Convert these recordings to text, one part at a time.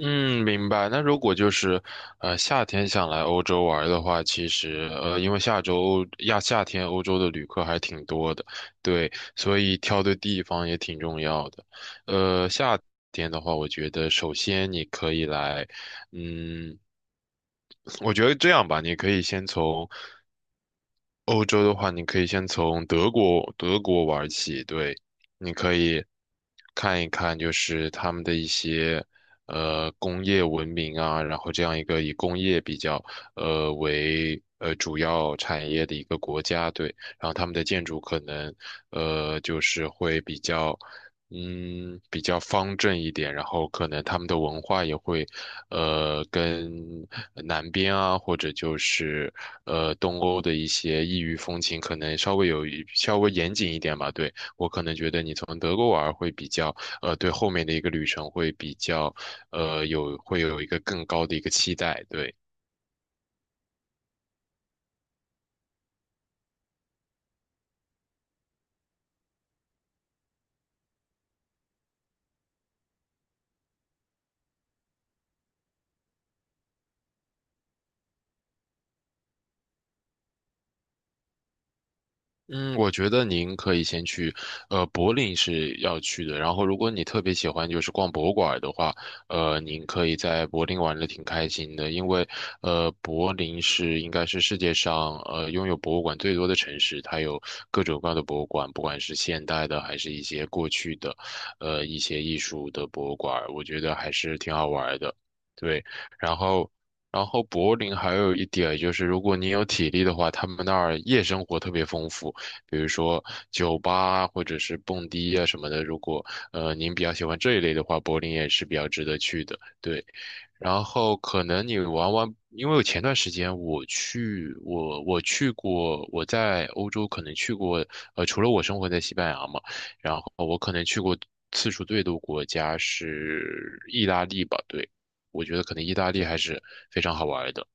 嗯，明白。那如果就是，夏天想来欧洲玩儿的话，其实，因为下周亚夏天欧洲的旅客还挺多的，对，所以挑对地方也挺重要的。夏天的话，我觉得首先你可以来，嗯，我觉得这样吧，你可以先从欧洲的话，你可以先从德国玩起，对，你可以看一看，就是他们的一些工业文明啊，然后这样一个以工业比较为主要产业的一个国家，对，然后他们的建筑可能就是会比较。嗯，比较方正一点，然后可能他们的文化也会，呃，跟南边啊，或者就是东欧的一些异域风情，可能稍微有一稍微严谨一点吧。对，我可能觉得你从德国玩儿会比较，呃，对后面的一个旅程会比较，会有一个更高的一个期待。对。嗯，我觉得您可以先去，呃，柏林是要去的。然后，如果你特别喜欢就是逛博物馆的话，您可以在柏林玩的挺开心的，因为，柏林是应该是世界上拥有博物馆最多的城市，它有各种各样的博物馆，不管是现代的还是一些过去的，一些艺术的博物馆，我觉得还是挺好玩的。对，然后。然后柏林还有一点就是，如果你有体力的话，他们那儿夜生活特别丰富。比如说酒吧啊或者是蹦迪啊什么的。如果您比较喜欢这一类的话，柏林也是比较值得去的。对，然后可能你玩玩，因为我前段时间我去过，我在欧洲可能去过，除了我生活在西班牙嘛，然后我可能去过次数最多国家是意大利吧，对。我觉得可能意大利还是非常好玩的。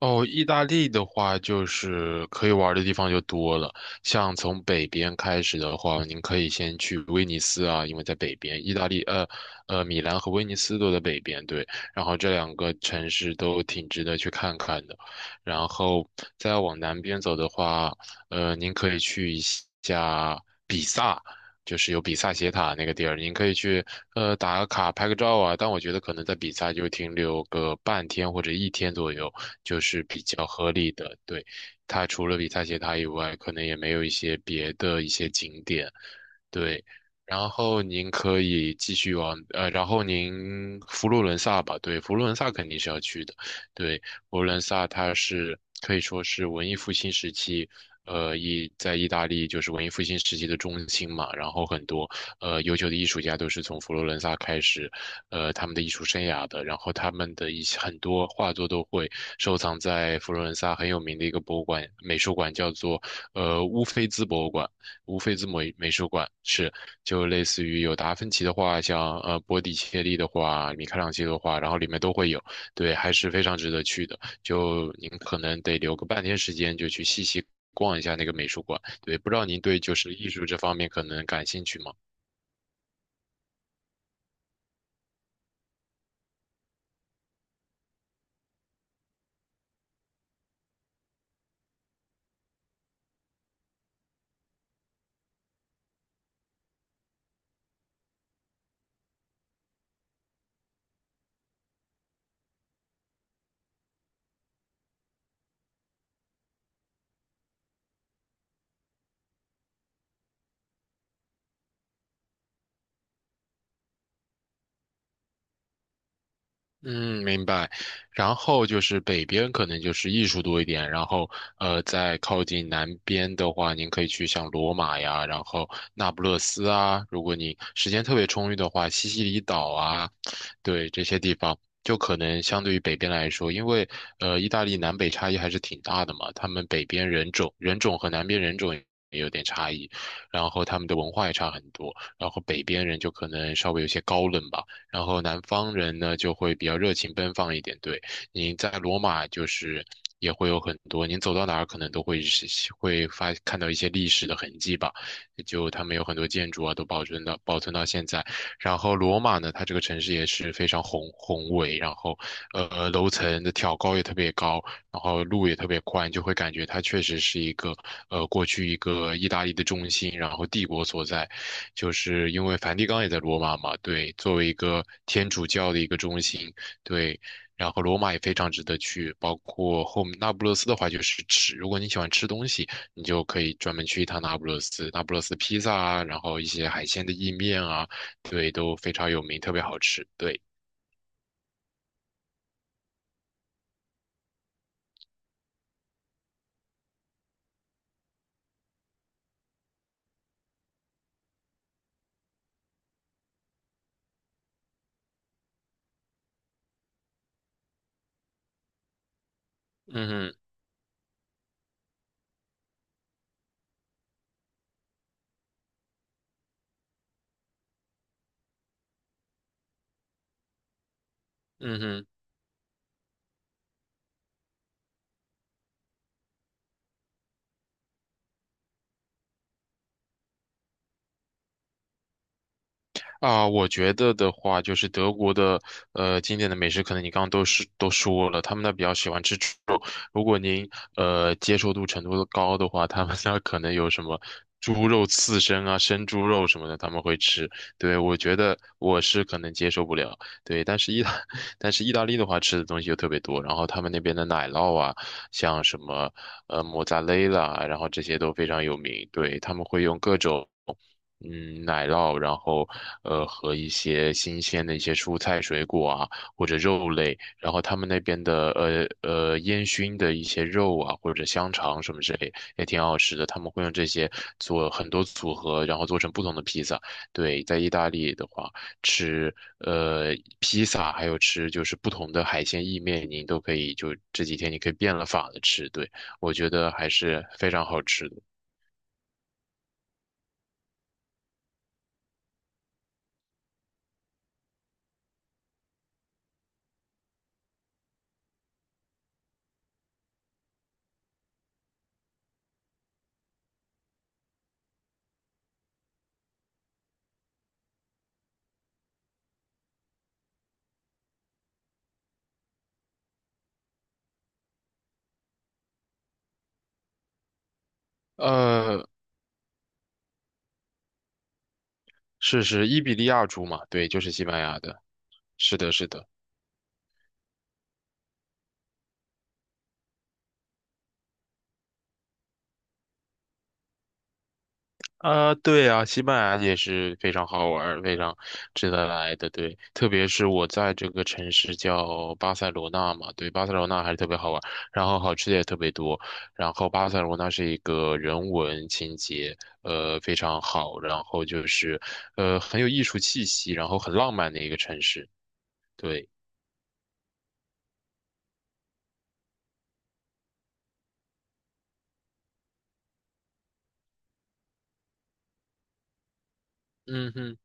哦，意大利的话，就是可以玩儿的地方就多了。像从北边开始的话，您可以先去威尼斯啊，因为在北边，意大利米兰和威尼斯都在北边，对。然后这两个城市都挺值得去看看的。然后再往南边走的话，呃，您可以去一下比萨，就是有比萨斜塔那个地儿，你可以去打个卡拍个照啊。但我觉得可能在比萨就停留个半天或者一天左右，就是比较合理的。对，它除了比萨斜塔以外，可能也没有一些别的一些景点。对，然后您可以继续往呃，然后您佛罗伦萨吧，对，佛罗伦萨肯定是要去的，对，佛罗伦萨它是可以说是文艺复兴时期，呃，意大利就是文艺复兴时期的中心嘛，然后很多优秀的艺术家都是从佛罗伦萨开始，呃，他们的艺术生涯的，然后他们的一些很多画作都会收藏在佛罗伦萨很有名的一个博物馆美术馆，叫做乌菲兹博物馆。无非字母美术馆是，就类似于有达芬奇的画像，呃，波提切利的画，米开朗基罗的画，然后里面都会有，对，还是非常值得去的。就您可能得留个半天时间，就去细细逛一下那个美术馆。对，不知道您对就是艺术这方面可能感兴趣吗？嗯，明白。然后就是北边可能就是艺术多一点，然后呃，在靠近南边的话，您可以去像罗马呀，然后那不勒斯啊，如果你时间特别充裕的话，西西里岛啊，对这些地方，就可能相对于北边来说，因为呃，意大利南北差异还是挺大的嘛，他们北边人种和南边人种也有点差异，然后他们的文化也差很多，然后北边人就可能稍微有些高冷吧。然后南方人呢就会比较热情奔放一点。对，您在罗马就是也会有很多，您走到哪儿可能都会是看到一些历史的痕迹吧。就他们有很多建筑啊，都保存到现在。然后罗马呢，它这个城市也是非常宏伟，然后楼层的挑高也特别高，然后路也特别宽，就会感觉它确实是一个过去一个意大利的中心，然后帝国所在。就是因为梵蒂冈也在罗马嘛，对，作为一个天主教的一个中心，对，然后罗马也非常值得去，包括后面那不勒斯的话就是吃，如果你喜欢吃东西，你就可以专门去一趟那不勒斯，那不勒斯披萨啊，然后一些海鲜的意面啊，对，都非常有名，特别好吃，对，嗯哼，嗯哼。啊，我觉得的话，就是德国的经典的美食，可能你刚刚都说了，他们那比较喜欢吃猪肉。如果您接受度程度高的话，他们那可能有什么猪肉刺身啊、生猪肉什么的，他们会吃。对，我觉得我是可能接受不了。对，但是意大 但是意大利的话，吃的东西又特别多，然后他们那边的奶酪啊，像什么莫扎雷拉啊，然后这些都非常有名。对，他们会用各种。嗯，奶酪，然后和一些新鲜的一些蔬菜、水果啊，或者肉类，然后他们那边的烟熏的一些肉啊，或者香肠什么之类，也挺好吃的。他们会用这些做很多组合，然后做成不同的披萨。对，在意大利的话，吃呃披萨，还有吃就是不同的海鲜意面，你都可以就这几天你可以变了法的吃。对，我觉得还是非常好吃的。呃，是伊比利亚猪嘛？对，就是西班牙的。是的，是的。啊、对啊，西班牙也是非常好玩儿非常值得来的。对，特别是我在这个城市叫巴塞罗那嘛，对，巴塞罗那还是特别好玩儿然后好吃的也特别多。然后巴塞罗那是一个人文情节，呃，非常好，然后就是，呃，很有艺术气息，然后很浪漫的一个城市。对，嗯哼。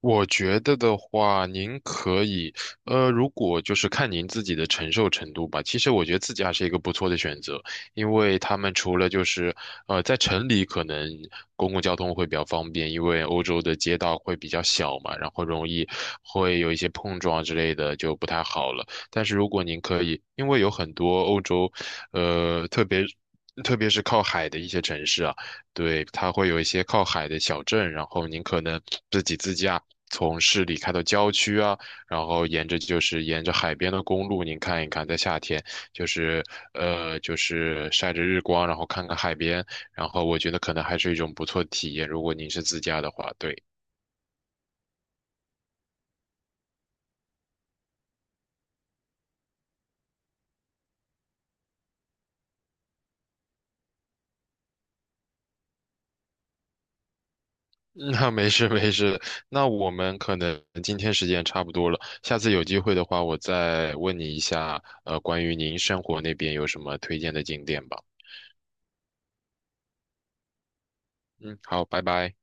我觉得的话，您可以，呃，如果就是看您自己的承受程度吧。其实我觉得自驾是一个不错的选择，因为他们除了就是，呃，在城里可能公共交通会比较方便，因为欧洲的街道会比较小嘛，然后容易会有一些碰撞之类的，就不太好了。但是如果您可以，因为有很多欧洲，呃，特别是靠海的一些城市啊。对，它会有一些靠海的小镇，然后您可能自己自驾从市里开到郊区啊，然后沿着海边的公路，您看一看，在夏天就是晒着日光，然后看看海边，然后我觉得可能还是一种不错的体验，如果您是自驾的话，对。那没事没事，那我们可能今天时间差不多了，下次有机会的话，我再问你一下，呃，关于您生活那边有什么推荐的景点吧。嗯，好，拜拜。